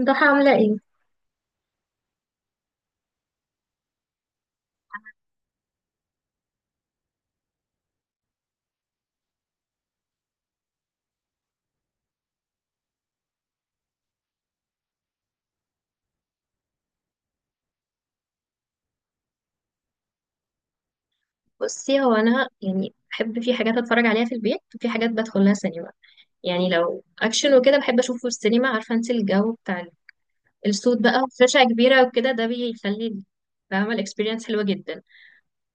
ضحى عاملة ايه؟ بصي، هو أنا يعني بحب في حاجات أتفرج عليها في البيت، وفي حاجات بدخل لها سينما. يعني لو أكشن وكده بحب أشوفه في السينما. عارفة انت الجو بتاع الصوت بقى وشاشة كبيرة وكده، ده بيخلي فاهمة، الإكسبيرينس حلوة جدا.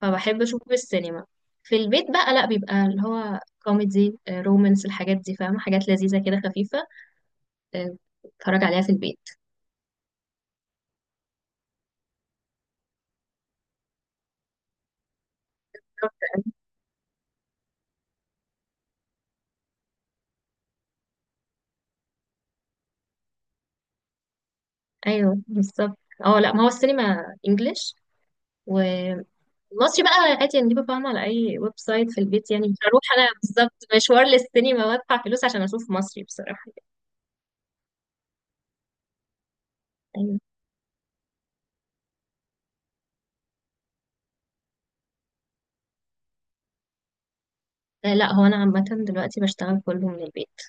فبحب أشوفه في السينما. في البيت بقى لأ، بيبقى اللي هو كوميدي، رومانس، الحاجات دي فاهمة، حاجات لذيذة كده خفيفة. آه، أتفرج عليها في البيت. أيوه بالظبط. اه لأ، ما هو السينما إنجلش. المصري بقى عادي نجيبه فاهمة على أي ويب سايت في البيت، يعني مش هروح أنا بالظبط مشوار للسينما وأدفع فلوس عشان أشوف مصري بصراحة. يعني لا، هو أنا عامة دلوقتي بشتغل كله من البيت.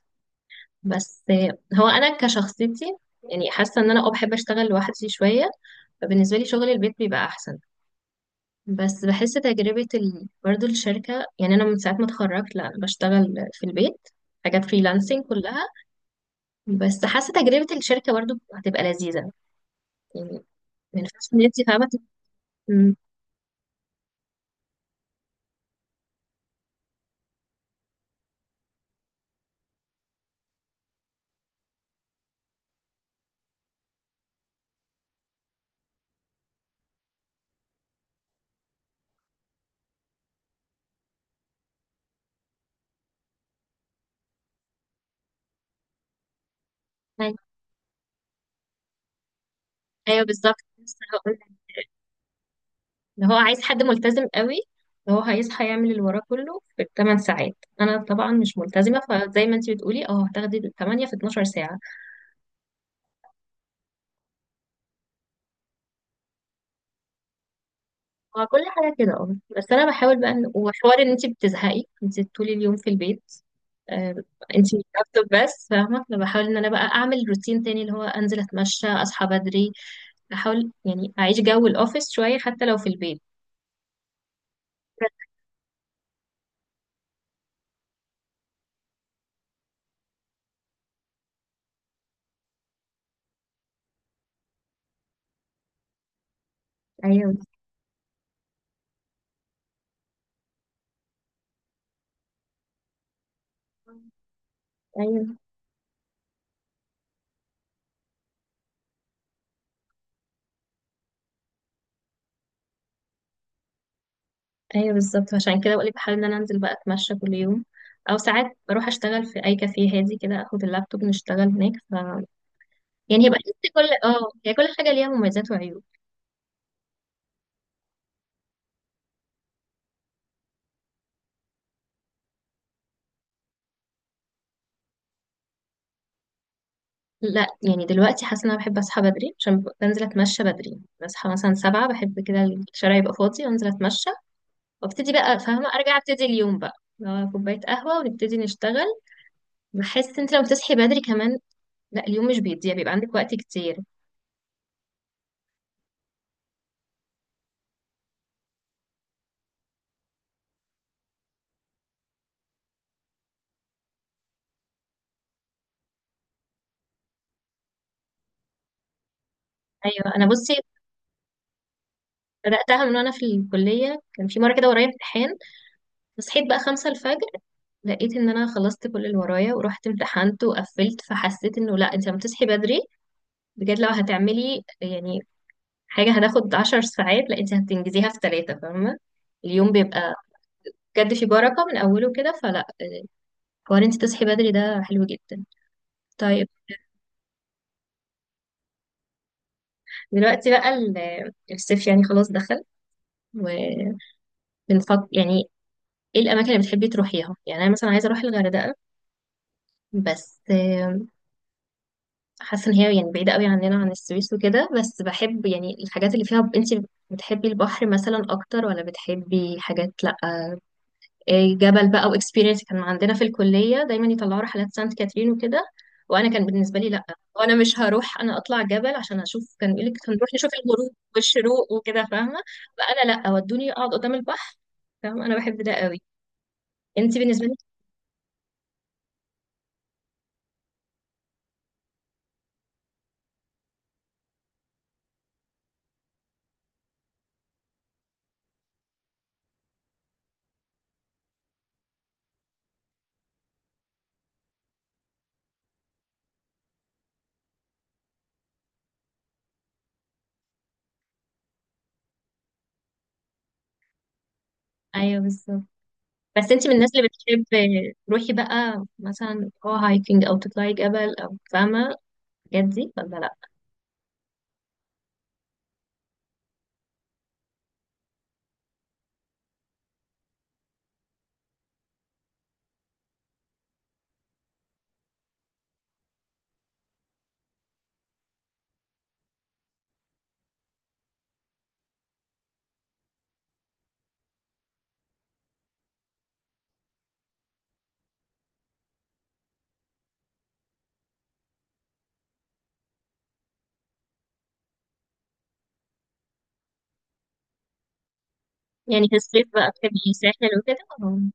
بس هو أنا كشخصيتي، يعني حاسة إن أنا أه بحب أشتغل لوحدي شوية، فبالنسبة لي شغل البيت بيبقى أحسن. بس بحس تجربة برضه الشركة، يعني أنا من ساعة ما اتخرجت لا بشتغل في البيت، حاجات فريلانسنج كلها، بس حاسة تجربة الشركة برضه هتبقى لذيذة يعني. ما ينفعش إن أنت فاهمة. تت- ايوه بالظبط، لسه هقول لك. اللي هو عايز حد ملتزم قوي، اللي هو هيصحى يعمل اللي وراه كله في 8 ساعات. انا طبعا مش ملتزمه، فزي ما انت بتقولي اه هتاخدي 8 في 12 ساعه. هو كل حاجه كده اه، بس انا بحاول بقى وحوار ان انت بتزهقي انت طول اليوم في البيت. آه، انت لابتوب بس فاهمه. انا بحاول ان انا بقى اعمل روتين تاني، اللي هو انزل اتمشى، اصحى بدري، احاول يعني اعيش جو الاوفيس شويه حتى لو في البيت. ايوه، ايوه، ايوه بالظبط، عشان كده بقولك بحاول ان انا انزل بقى اتمشى كل يوم، او ساعات بروح اشتغل في اي كافيه هادي كده، اخد اللابتوب نشتغل هناك. ف يعني هي بقى بحس كل اه هي كل حاجه ليها مميزات وعيوب. لا يعني دلوقتي حاسه ان انا بحب اصحى بدري، عشان بنزل اتمشى بدري، بصحى مثلا 7 بحب كده الشارع يبقى فاضي وانزل اتمشى، وابتدي بقى فاهمه ارجع ابتدي اليوم بقى، لو كوبايه قهوه ونبتدي نشتغل. بحس انت لو بتصحي بدري كمان، لا اليوم مش بيضيع، بيبقى عندك وقت كتير. ايوه انا بصي، بدأتها من وأنا في الكلية، كان في مرة كده ورايا امتحان، فصحيت بقى 5 الفجر، لقيت إن أنا خلصت كل اللي ورايا ورحت امتحنت وقفلت، فحسيت إنه لأ أنت لما تصحي بدري بجد، لو هتعملي يعني حاجة هتاخد 10 ساعات، لأ أنت هتنجزيها في ثلاثة فاهمة. اليوم بيبقى بجد في بركة من أوله كده. فلأ، حوار أنت تصحي بدري ده حلو جدا. طيب دلوقتي بقى الصيف يعني خلاص دخل، وبنفكر يعني إيه الأماكن اللي بتحبي تروحيها. يعني أنا مثلا عايزة أروح الغردقة، بس حاسه ان هي يعني بعيده قوي عننا عن السويس وكده. بس بحب يعني الحاجات اللي فيها. انت بتحبي البحر مثلا اكتر، ولا بتحبي حاجات لا إيه جبل بقى واكسبيرينس؟ كان عندنا في الكليه دايما يطلعوا رحلات سانت كاترين وكده، وانا كان بالنسبه لي لا، وانا مش هروح انا اطلع جبل عشان اشوف. كان يقول لك هنروح نشوف الغروب والشروق وكده فاهمه. فانا لا، ودوني اقعد قدام البحر فاهمه، انا بحب ده قوي. انت بالنسبه لك؟ ايوه بالظبط. بس انت من الناس اللي بتحب تروحي بقى مثلا اه هايكنج او تطلعي جبل او فاهمه الحاجات دي ولا لا؟ يعني في الصيف بقى بتحبي ساحل وكده ولا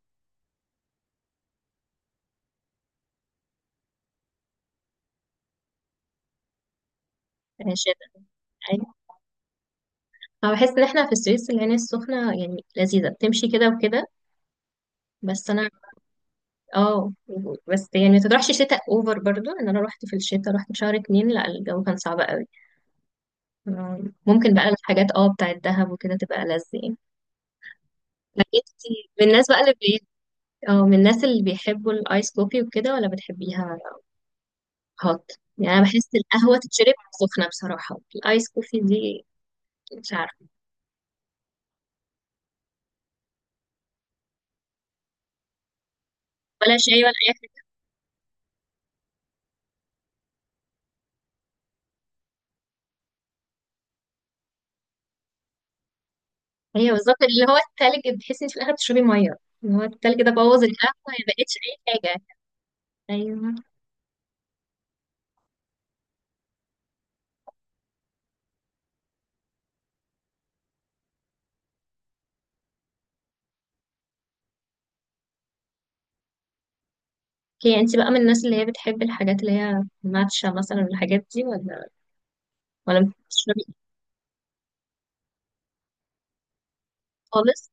شتا؟ ايوه. أنا بحس ان احنا في السويس العين السخنه يعني لذيذه، بتمشي كده وكده. بس انا اه، بس يعني ما تروحش شتاء اوفر، برضو ان انا رحت في الشتاء، رحت في شهر اتنين لا الجو كان صعب قوي. آه ممكن بقى الحاجات اه بتاعت دهب وكده تبقى لذيذ يعني. لكن انت من الناس بقى اه من الناس اللي بيحبوا الايس كوفي وكده ولا بتحبيها هوت؟ يعني انا بحس القهوه تتشرب سخنه بصراحه. الايس كوفي دي مش عارفه. ولا شاي ولا اي حاجه؟ هي بالظبط اللي هو التلج، بتحسي انت في الاخر بتشربي ميه. اللي هو التلج ده بوظ القهوه، ما بقتش اي حاجه. ايوه. اوكي، انت بقى من الناس اللي هي بتحب الحاجات اللي هي ماتشا مثلا والحاجات دي، ولا ما بتشربي إيه؟ خالص.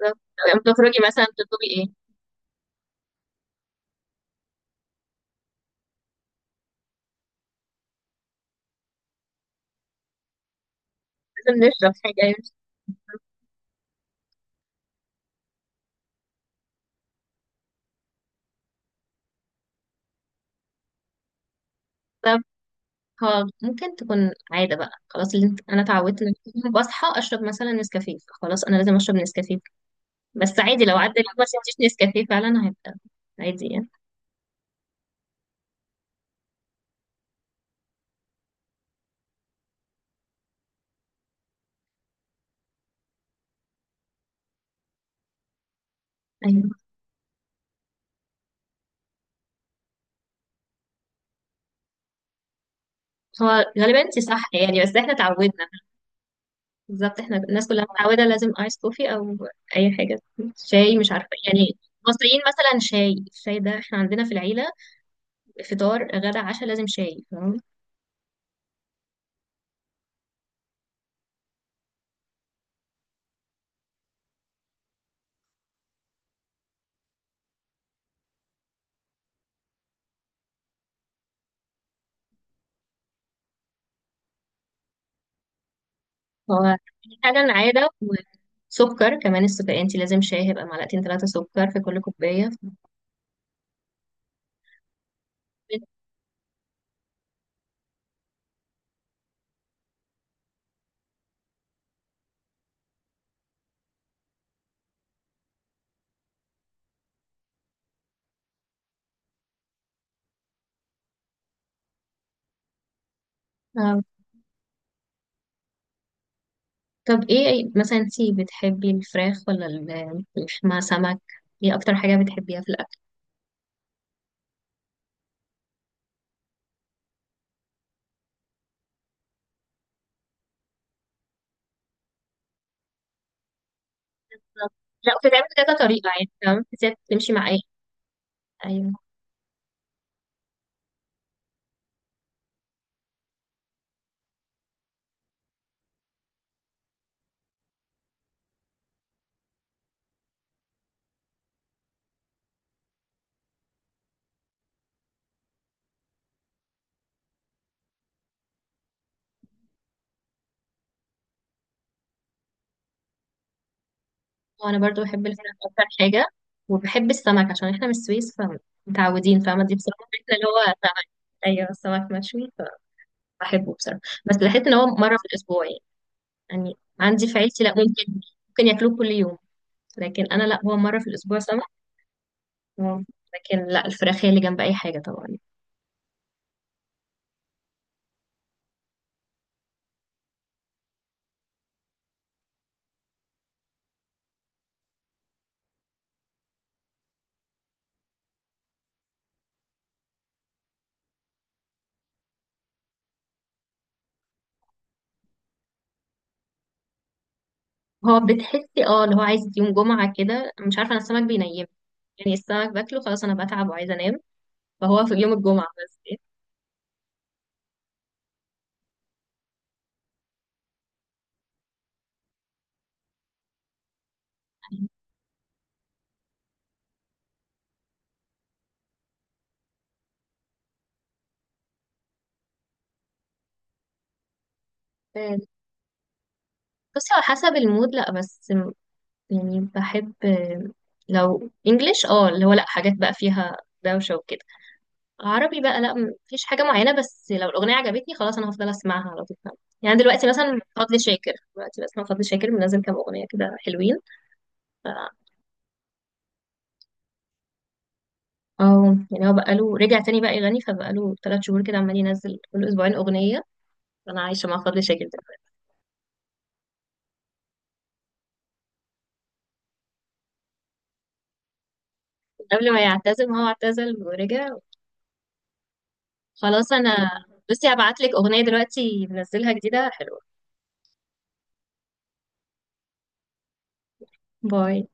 بالظبط. لو لما بتخرجي مثلا بتطلبي ايه؟ لازم نشرب حاجه يعني. بالظبط. خالص. ممكن تكون عادة بقى خلاص. انا اتعودت ان أنا بصحى اشرب مثلا نسكافيه، خلاص انا لازم اشرب نسكافيه، بس عادي لو عدى اليوم عشان مفيش نسكافيه فعلا هيبقى عادي يعني. ايوه، هو غالبا انت صح يعني، بس احنا اتعودنا. بالظبط احنا الناس كلها متعوده لازم ايس كوفي او اي حاجه، شاي مش عارفه يعني. المصريين مثلا شاي، الشاي ده احنا عندنا في العيله فطار غدا عشاء لازم شاي فاهم. هو فعلا عاده. وسكر كمان، السكر، انت لازم شاي هيبقى معلقتين 3 سكر في كل كوبايه. طب ايه مثلا انتي بتحبي الفراخ ولا الفراخ مع سمك؟ ايه اكتر حاجة بتحبيها في الاكل؟ طب- لا بتتعمل كذا طريقة يعني. تمام بتمشي مع ايه؟ ايوه. وانا برضو بحب الفراخ اكتر حاجة، وبحب السمك عشان احنا من السويس فمتعودين فاهمة. دي بصراحة احنا اللي هو سمك. ايوه السمك مشوي فبحبه بصراحة، بس بحس ان هو مرة في الاسبوع يعني. يعني عندي في عيلتي لا، ممكن ياكلوه كل يوم، لكن انا لا، هو مرة في الاسبوع سمك. لكن لا الفراخ هي اللي جنب اي حاجة طبعا. هو بتحسي اه اللي هو عايز يوم جمعة كده، مش عارفة انا السمك بينيم يعني، السمك باكله خلاص انا بتعب وعايزة انام، فهو في يوم الجمعة بس. آه، بصي على حسب المود لا، بس يعني بحب لو انجليش اه اللي هو لا، حاجات بقى فيها دوشة وكده. عربي بقى لا مفيش حاجة معينة، بس لو الأغنية عجبتني خلاص أنا هفضل أسمعها على طول. يعني دلوقتي مثلا فضل شاكر، دلوقتي بسمع فضل شاكر منزل كام أغنية كده حلوين. اه يعني هو بقاله رجع تاني بقى يغني، فبقاله 3 شهور كده عمال ينزل كل اسبوعين اغنيه. انا عايشه مع فضل شاكر دلوقتي. قبل ما يعتزل، ما هو اعتزل ورجع. خلاص انا بصي، هبعت لك اغنيه دلوقتي منزلها جديده حلوه. باي.